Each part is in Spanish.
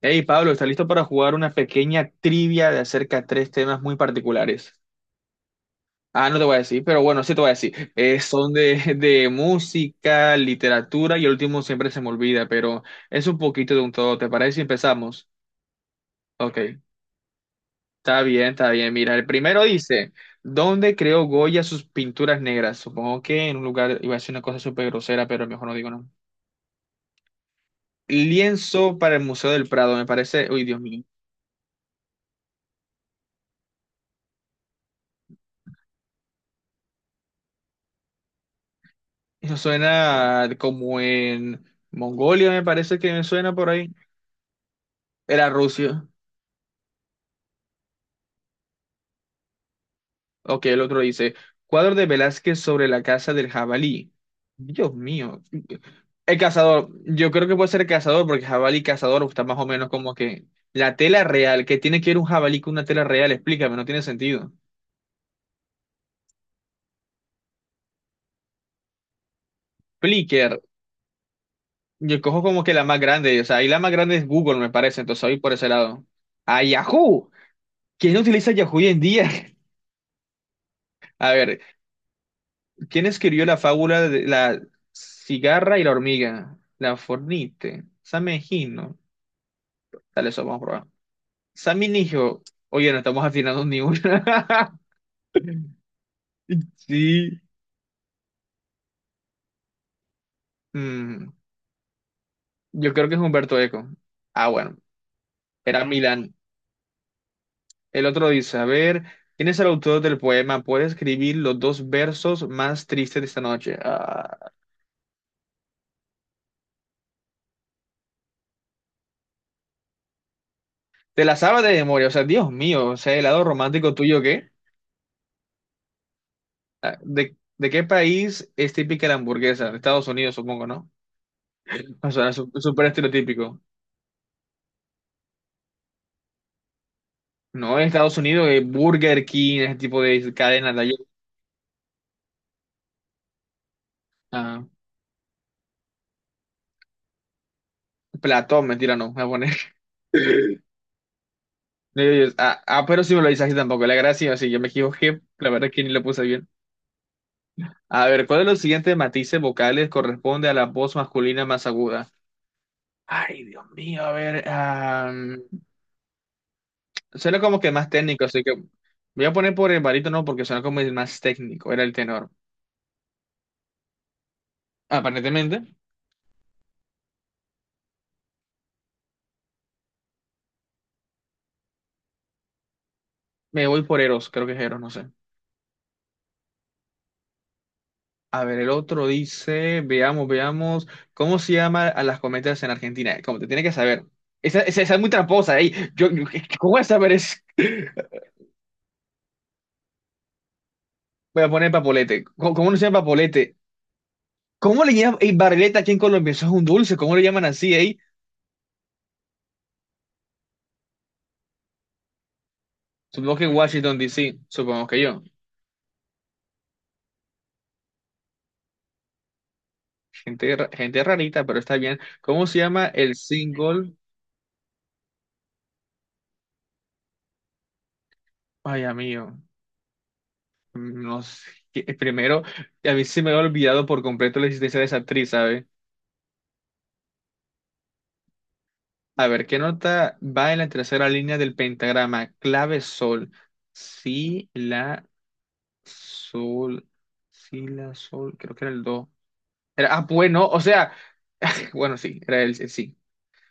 Hey Pablo, ¿estás listo para jugar una pequeña trivia de acerca de tres temas muy particulares? Ah, no te voy a decir, pero bueno, sí te voy a decir. Son de música, literatura y el último siempre se me olvida, pero es un poquito de un todo. ¿Te parece si empezamos? Ok, está bien, está bien. Mira, el primero dice, ¿dónde creó Goya sus pinturas negras? Supongo que en un lugar, iba a decir una cosa súper grosera, pero mejor no digo no. Lienzo para el Museo del Prado, me parece. Uy, Dios mío. Eso suena como en Mongolia, me parece que me suena por ahí. Era Rusia. Ok, el otro dice, cuadro de Velázquez sobre la casa del jabalí. Dios mío. El cazador, yo creo que puede ser el cazador, porque jabalí y cazador está más o menos como que la tela real, que tiene que ir un jabalí con una tela real, explícame, no tiene sentido. Flickr, yo cojo como que la más grande, o sea, ahí la más grande es Google, me parece, entonces ahí por ese lado. ¡A Yahoo! ¿Quién no utiliza Yahoo hoy en día? A ver, ¿quién escribió la fábula de la cigarra y la hormiga? La Fornite. Sammy Hino. Dale, eso vamos a probar. Sammy Nigio. Oye, no estamos afinando ni una. Sí. Mm, yo creo que es Humberto Eco. Ah, bueno. Era Milán. El otro dice, a ver, ¿quién es el autor del poema? ¿Puede escribir los dos versos más tristes de esta noche? Ah, te la sabes de memoria. O sea, Dios mío. O sea, el lado romántico tuyo, ¿qué? Ah, ¿De qué país es típica la hamburguesa? De Estados Unidos, supongo, ¿no? O sea, es súper estereotípico. No, en Estados Unidos es Burger King, ese tipo de cadenas de allí. Ah, Platón, mentira, no, voy a poner. No, pero sí me lo dice así tampoco. La gracia, sí, yo me equivoqué. La verdad es que ni lo puse bien. A ver, ¿cuál de los siguientes matices vocales corresponde a la voz masculina más aguda? Ay, Dios mío, a ver. Suena como que más técnico, así que voy a poner por el barítono porque suena como el más técnico, era el tenor. Aparentemente, me voy por Eros, creo que es Eros, no sé. A ver, el otro dice, veamos, veamos, ¿cómo se llama a las cometas en Argentina? Como te tiene que saber. Esa es muy tramposa, ey. ¿Cómo voy a saber es? Voy a poner papolete. ¿Cómo, cómo no se llama papolete? ¿Cómo le llaman, ey, barrilete aquí en Colombia? Eso es un dulce, ¿cómo le llaman así, ey? Supongo que Washington, D.C., supongo que yo. Gente, gente rarita, pero está bien. ¿Cómo se llama el single? Ay, amigo. No sé. Primero, a mí se me había olvidado por completo la existencia de esa actriz, ¿sabes? A ver, ¿qué nota va en la tercera línea del pentagrama? Clave sol. Si, la, sol. Si, la, sol. Creo que era el do. Era, ah, bueno, o sea. Bueno, sí, era el sí.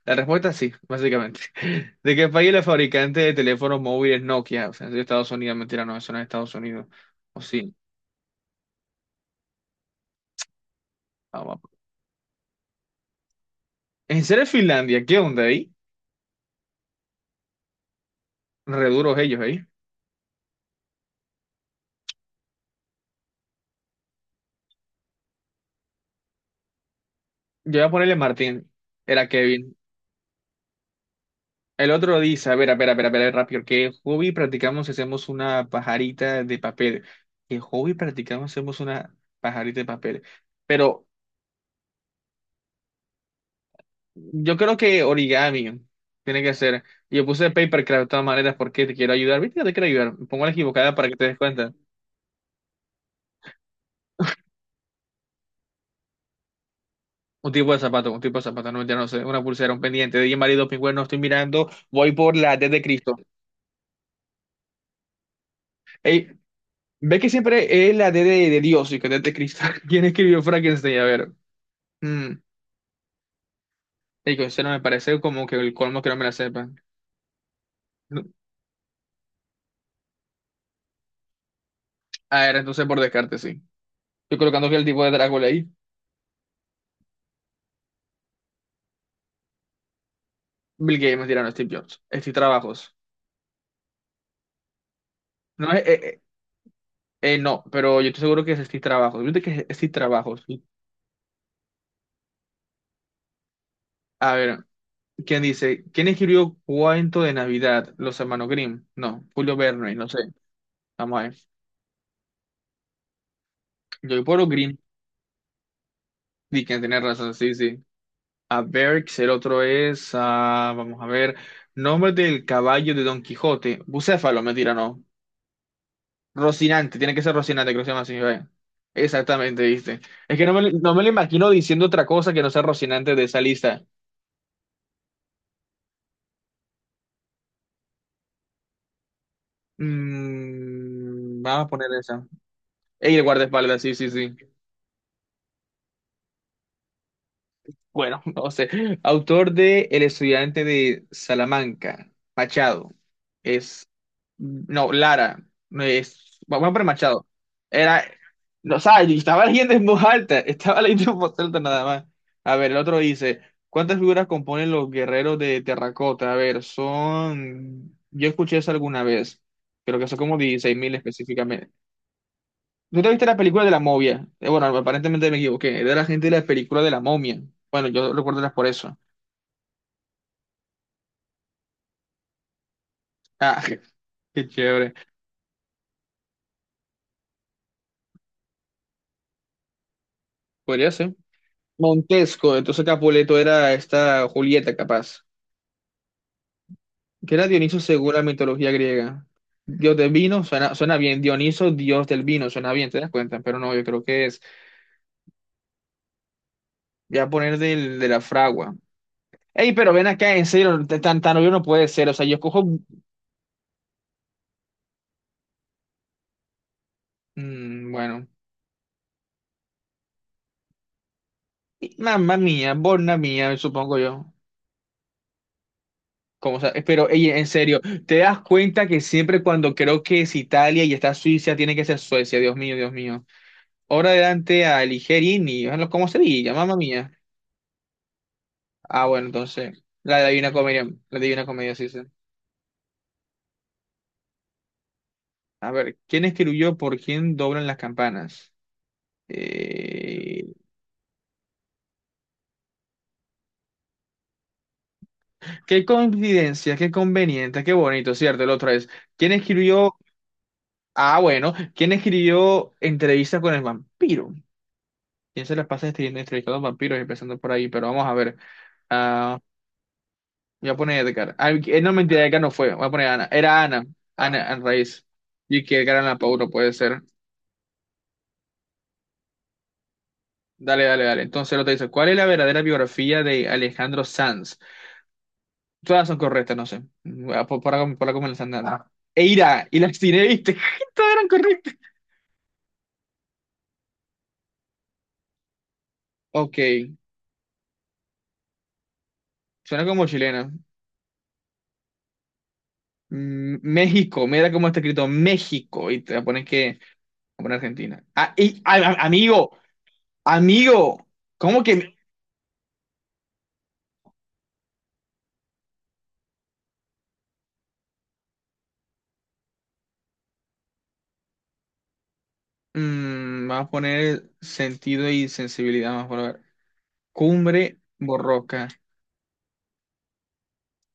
La respuesta sí, básicamente. ¿De qué país es la fabricante de teléfonos móviles Nokia? O sea, es de Estados Unidos, mentira, no, eso no es Estados Unidos. O sí. Ah, va. ¿En serio es Finlandia? ¿Qué onda ahí? Reduros ellos, ¿eh? Yo voy a ponerle Martín. Era Kevin. El otro dice, a ver, a ver, a ver, a ver, rápido, ¿qué hobby practicamos si hacemos una pajarita de papel? ¿Qué hobby practicamos si hacemos una pajarita de papel? Pero yo creo que origami tiene que ser. Yo puse papercraft de todas maneras porque te quiero ayudar. ¿Viste? Te quiero ayudar. Pongo la equivocada para que te des cuenta. Un tipo de zapato, un tipo de zapato, no mentira, no sé, una pulsera, un pendiente, de marido, pingüino, estoy mirando, voy por la T de Cristo. Ey, Ve que siempre es la D de Dios y que D de Cristo. ¿Quién escribió Frankenstein? A ver. Mm. Digo, ese no me parece como que el colmo que no me la sepan. No. A ver, entonces por descarte, sí. Estoy colocando que el tipo de Drácula ahí. Bill Gates, mentira, no, Steve Jobs. Steve Trabajos. No, no, pero yo estoy seguro que es Steve Trabajos. Viste que es Steve Trabajos. A ver, ¿quién dice? ¿Quién escribió Cuento de Navidad? Los hermanos Grimm. No, Julio Verne, no sé. Vamos a ver. Yo voy por los Grimm. Dickens, tenés razón, sí, sí. a Berks, el otro es, ah, vamos a ver, nombre del caballo de Don Quijote, Bucéfalo, mentira, no, Rocinante, tiene que ser Rocinante, creo que se llama así, ve. Exactamente, viste. Es que no me, no me lo imagino diciendo otra cosa que no sea Rocinante de esa lista. Mm, vamos a poner esa. Ey, el guardaespaldas, sí, sí, sí. Bueno, no sé. Autor de El estudiante de Salamanca, Machado. No, Lara. No Es, vamos por Machado. Era. No, o sea, yo estaba leyendo en voz alta. Estaba leyendo en voz alta nada más. A ver, el otro dice: ¿Cuántas figuras componen los guerreros de terracota? A ver, son. Yo escuché eso alguna vez. Creo que son como 16.000 específicamente. ¿Tú te viste la película de la momia? Bueno, aparentemente me equivoqué. Era la gente de la película de la momia. Bueno, yo recuerdo las por eso. Ah, qué chévere. Podría ser. Montesco, entonces Capuleto era esta Julieta, capaz. Que era Dioniso según la mitología griega. Dios del vino suena, suena bien. Dioniso, dios del vino, suena bien, ¿te das cuenta? Pero no, yo creo que es. Voy a poner del, de la fragua. Ey, pero ven acá, en serio, tan obvio no puede ser. O sea, yo escojo. Mm, bueno. Y Mamma mía, borna mía, supongo yo. Como, sea, pero, ey, en serio, ¿te das cuenta que siempre cuando creo que es Italia y está Suiza, tiene que ser Suecia? Dios mío, Dios mío. Ahora adelante a Ligerini, ¿cómo se diga? Mamma mía. Ah, bueno, entonces, la de Divina Comedia, la de Divina Comedia sí sé. A ver, ¿quién escribió por quién doblan las campanas? Eh, qué coincidencia, qué conveniente, qué bonito, ¿cierto? El otro es, ¿quién escribió? Ah, bueno, ¿quién escribió Entrevista con el vampiro? ¿Quién se la pasa escribiendo entrevistando a vampiros empezando por ahí? Pero vamos a ver. Ah, voy a poner Edgar. Ah, no, mentira, Edgar no fue. Voy a poner Ana. Era Ana. Ana, Ana Raíz. Y que Edgar Allan Poe no puede ser. Dale, dale, dale. Entonces lo te dice, ¿cuál es la verdadera biografía de Alejandro Sanz? Todas son correctas, no sé. Ah, por, por acá me las han dado. Ah. Eira, y las tiré, ¿viste? Todas eran correctas. Ok, suena como chilena. Mm, México, mira cómo está escrito México, y te la pones que, a poner Argentina. Ah, amigo, amigo, ¿cómo que? Mm, vamos a poner sentido y sensibilidad, vamos a ver. Cumbre borroca.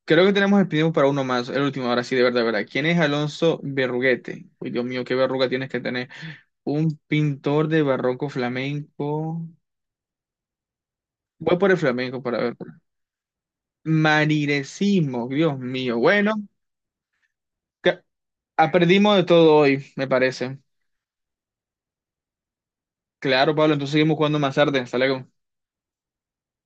Creo que tenemos el tiempo para uno más, el último, ahora sí, de verdad, de verdad. ¿Quién es Alonso Berruguete? Uy, Dios mío, qué verruga tienes que tener. Un pintor de barroco flamenco. Voy por el flamenco para ver. Marirecismo, Dios mío. Bueno, que- aprendimos de todo hoy, me parece. Claro, Pablo, entonces seguimos jugando más tarde. Hasta luego.